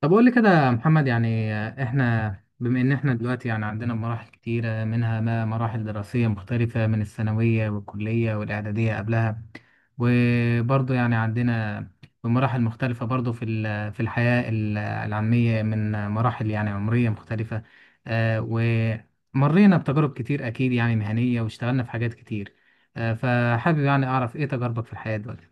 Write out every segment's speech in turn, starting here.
طب قول لي كده يا محمد، يعني احنا بما ان احنا دلوقتي يعني عندنا مراحل كتيرة، منها ما مراحل دراسية مختلفة من الثانوية والكلية والإعدادية قبلها. وبرضه يعني عندنا مراحل مختلفة برضه في الحياة العلمية، من مراحل يعني عمرية مختلفة. آه، ومرينا بتجارب كتير أكيد يعني مهنية، واشتغلنا في حاجات كتير. فحابب يعني أعرف إيه تجاربك في الحياة دلوقتي.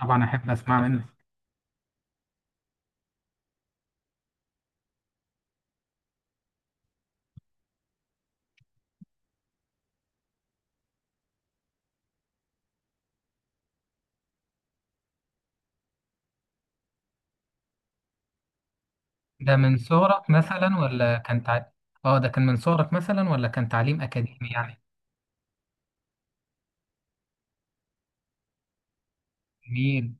طبعا أحب أسمع منك. ده من صغرك مثلا ولا اه ده كان من صغرك مثلا، ولا كان تعليم اكاديمي يعني؟ جميل.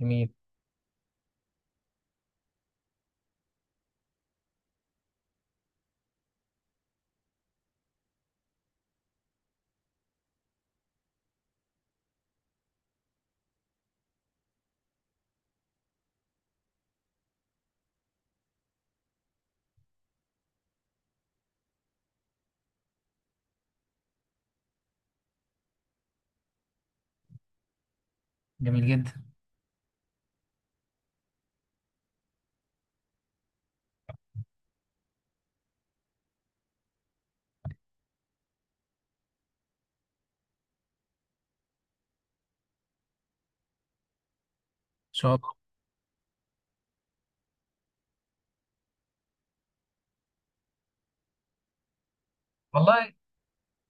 جميل. جميل جدا. ان شاء الله. والله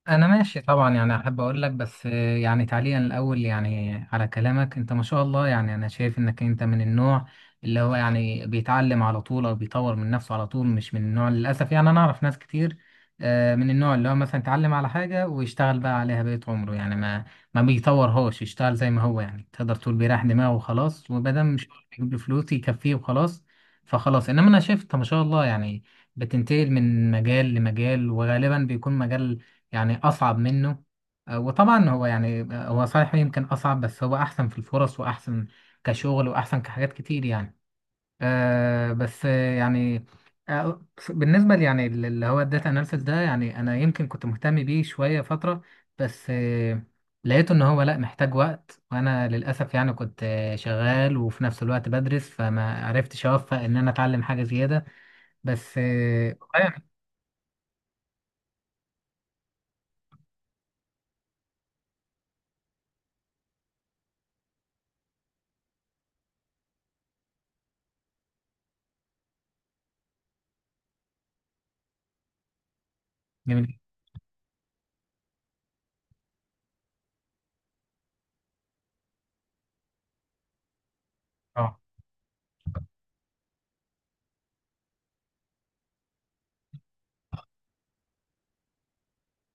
انا ماشي طبعا، يعني احب اقول لك، بس يعني تعليقا الاول يعني على كلامك، انت ما شاء الله، يعني انا شايف انك انت من النوع اللي هو يعني بيتعلم على طول او بيطور من نفسه على طول، مش من النوع للاسف. يعني انا اعرف ناس كتير من النوع اللي هو مثلا يتعلم على حاجة ويشتغل بقى عليها بقية عمره، يعني ما بيطورهاش، يشتغل زي ما هو. يعني تقدر تقول بيريح دماغه وخلاص، وبدل مش بيجيب له فلوس يكفيه وخلاص. فخلاص، انما انا شايف انت ما شاء الله يعني بتنتقل من مجال لمجال، وغالبا بيكون مجال يعني أصعب منه. وطبعا هو يعني هو صحيح يمكن أصعب، بس هو أحسن في الفرص وأحسن كشغل وأحسن كحاجات كتير يعني. أه، بس بالنسبة لي، يعني اللي هو الداتا أناليسيس ده، يعني أنا يمكن كنت مهتم بيه شوية فترة، بس لقيته إن هو لأ محتاج وقت، وأنا للأسف يعني كنت شغال وفي نفس الوقت بدرس، فما عرفتش أوفق إن أنا أتعلم حاجة زيادة. بس والله يعني. جميل. اه،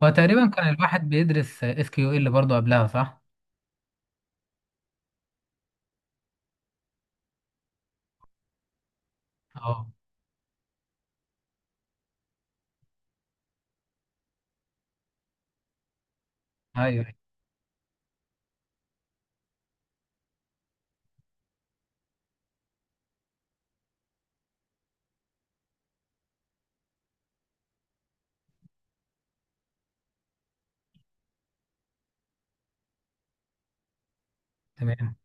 هو تقريبا كان الواحد بيدرس اس كيو ال برضه قبلها صح؟ اه. ايوه، أيوه. تمام.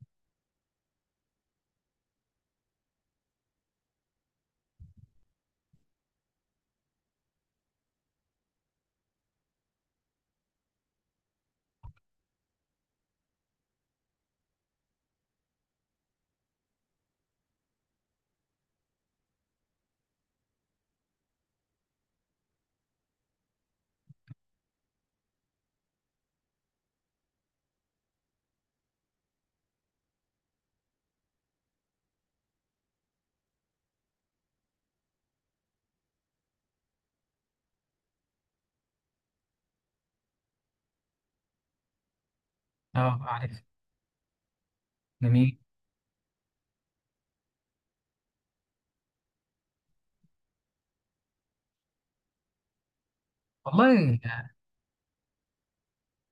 اه، عارف. جميل والله.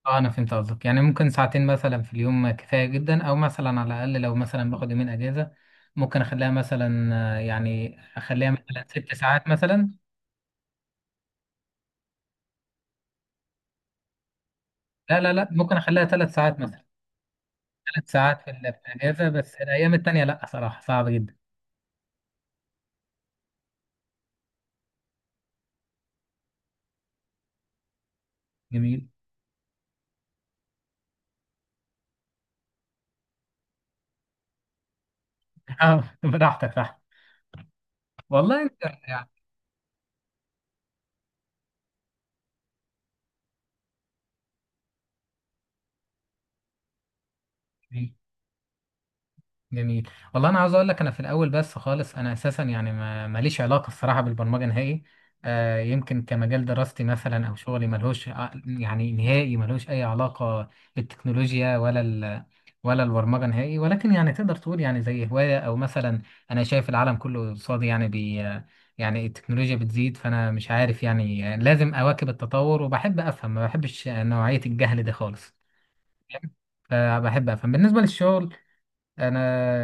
اه، انا فهمت قصدك. يعني ممكن ساعتين مثلا في اليوم كفايه جدا، او مثلا على الاقل لو مثلا باخد يومين اجازه ممكن اخليها مثلا يعني اخليها مثلا 6 ساعات مثلا. لا، لا، لا، ممكن اخليها 3 ساعات مثلا. ثلاث ساعات في الاجازه، بس الايام التانيه لا، صراحه صعب جدا. جميل. اه، براحتك صح. والله انت يعني. جميل والله. انا عاوز اقول لك، انا في الاول بس خالص، انا اساسا يعني ما ماليش علاقه الصراحه بالبرمجه نهائي. آه، يمكن كمجال دراستي مثلا او شغلي يعني نهائي ملهوش اي علاقه بالتكنولوجيا ولا البرمجه نهائي، ولكن يعني تقدر تقول يعني زي هوايه، او مثلا انا شايف العالم كله قصادي، يعني بي يعني التكنولوجيا بتزيد، فانا مش عارف، يعني لازم اواكب التطور، وبحب افهم، ما بحبش نوعيه الجهل ده خالص. فبحب افهم. بالنسبه للشغل، انا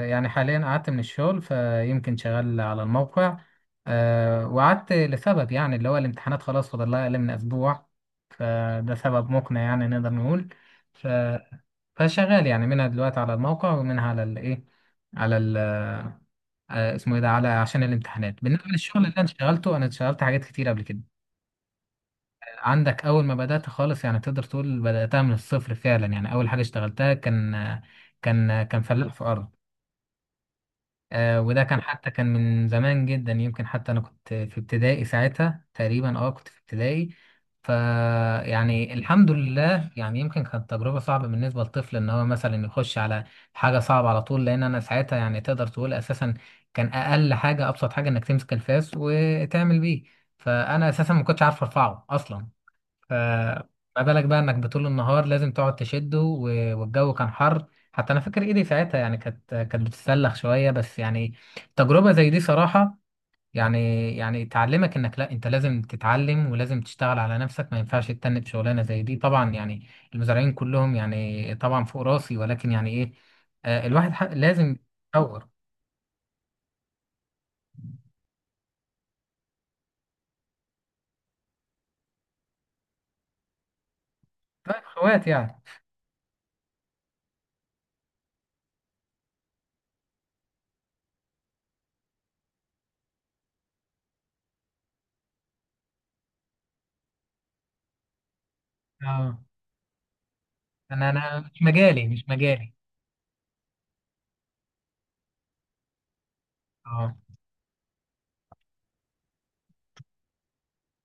يعني حاليا قعدت من الشغل، فيمكن شغال على الموقع. أه، وقعدت لسبب، يعني اللي هو الامتحانات خلاص فاضل لها اقل من اسبوع، فده سبب مقنع يعني نقدر نقول. ف... فشغال يعني منها دلوقتي على الموقع، ومنها على الايه على ال آه، اسمه ايه ده، على عشان الامتحانات. بالنسبه للشغل اللي انا اشتغلته، انا اشتغلت حاجات كتير قبل كده. عندك اول ما بدات خالص، يعني تقدر تقول بداتها من الصفر فعلا. يعني اول حاجه اشتغلتها كان فلاح في ارض. آه، وده كان، حتى كان من زمان جدا، يمكن حتى انا كنت في ابتدائي ساعتها تقريبا. اه، كنت في ابتدائي. ف يعني الحمد لله، يعني يمكن كانت تجربة صعبة بالنسبة لطفل ان هو مثلا يخش على حاجة صعبة على طول، لان انا ساعتها يعني تقدر تقول اساسا كان اقل حاجة ابسط حاجة انك تمسك الفاس وتعمل بيه، فانا اساسا ما كنتش عارف ارفعه اصلا. فما بالك بقى انك بطول النهار لازم تقعد والجو كان حر. حتى انا فاكر ايدي ساعتها، يعني كانت بتتسلخ شويه، بس يعني تجربه زي دي صراحه يعني يعني تعلمك انك لا، انت لازم تتعلم ولازم تشتغل على نفسك، ما ينفعش تتنك شغلانه زي دي طبعا، يعني المزارعين كلهم يعني طبعا فوق راسي، ولكن يعني ايه، لازم يتطور. طيب اخوات يعني. اه، انا مش مجالي مش مجالي. اه،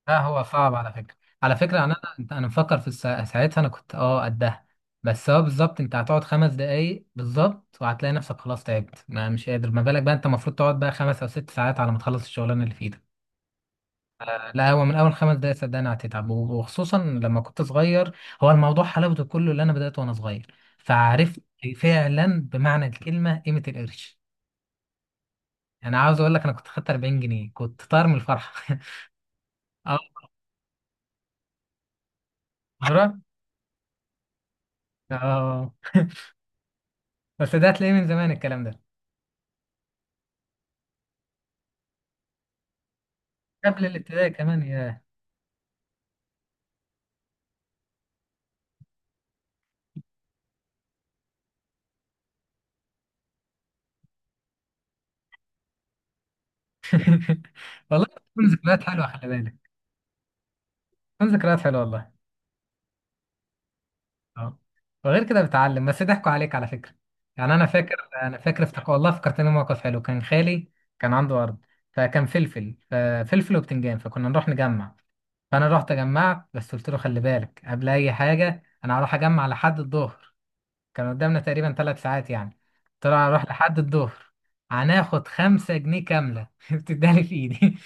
لا هو صعب على فكرة. على فكرة، أنا مفكر ساعتها أنا كنت أه قدها، بس هو بالظبط أنت هتقعد 5 دقايق بالظبط وهتلاقي نفسك خلاص تعبت، ما مش قادر، ما بالك بقى أنت المفروض تقعد بقى 5 أو 6 ساعات على ما تخلص الشغلانة اللي في إيدك. لا هو من أول 5 دقايق صدقني هتتعب، وخصوصا لما كنت صغير. هو الموضوع حلاوته كله اللي أنا بدأته وأنا صغير، فعرفت فعلا بمعنى الكلمة قيمة القرش. أنا عاوز أقول لك، أنا كنت خدت 40 جنيه كنت طاير من الفرحة. أه. مرة؟ أه، بس ده هتلاقيه من زمان الكلام ده. قبل الابتدائي كمان يا والله بتكون ذكريات حلوه، خلي بالك، بتكون ذكريات حلوه والله. اه. وغير كده بتعلم، بس ضحكوا عليك على فكره. يعني انا فاكر افتكر، والله فكرتني موقف حلو. كان خالي كان عنده ارض، فكان فلفل، ففلفل وبتنجان، فكنا نروح نجمع. فانا رحت جمعت، بس قلت له خلي بالك قبل اي حاجه، انا هروح اجمع لحد الظهر، كان قدامنا تقريبا 3 ساعات يعني. قلت له هنروح لحد الظهر هناخد 5 جنيه كاملة بتدالي في ايدي.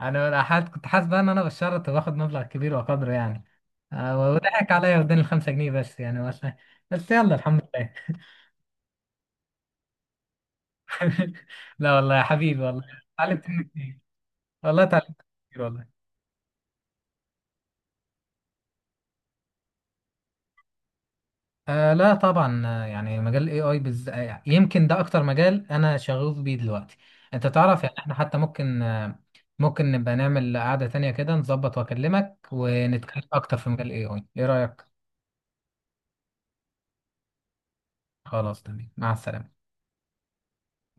كنت حاسس بقى ان انا بالشرط باخد مبلغ كبير وقدره يعني. وضحك عليا واداني ال5 جنيه، بس يعني بس، بس يلا الحمد لله. لا والله يا حبيبي، والله اتعلمت منك كتير، والله اتعلمت منك كتير والله. آه لا طبعا. آه، يعني مجال الاي اي بز... آه، يمكن ده اكتر مجال انا شغوف بيه دلوقتي. انت تعرف، يعني احنا حتى ممكن ممكن نبقى نعمل قعدة تانية كده، نظبط واكلمك، ونتكلم اكتر في مجال الاي اي. ايه رأيك؟ خلاص تمام، مع السلامة.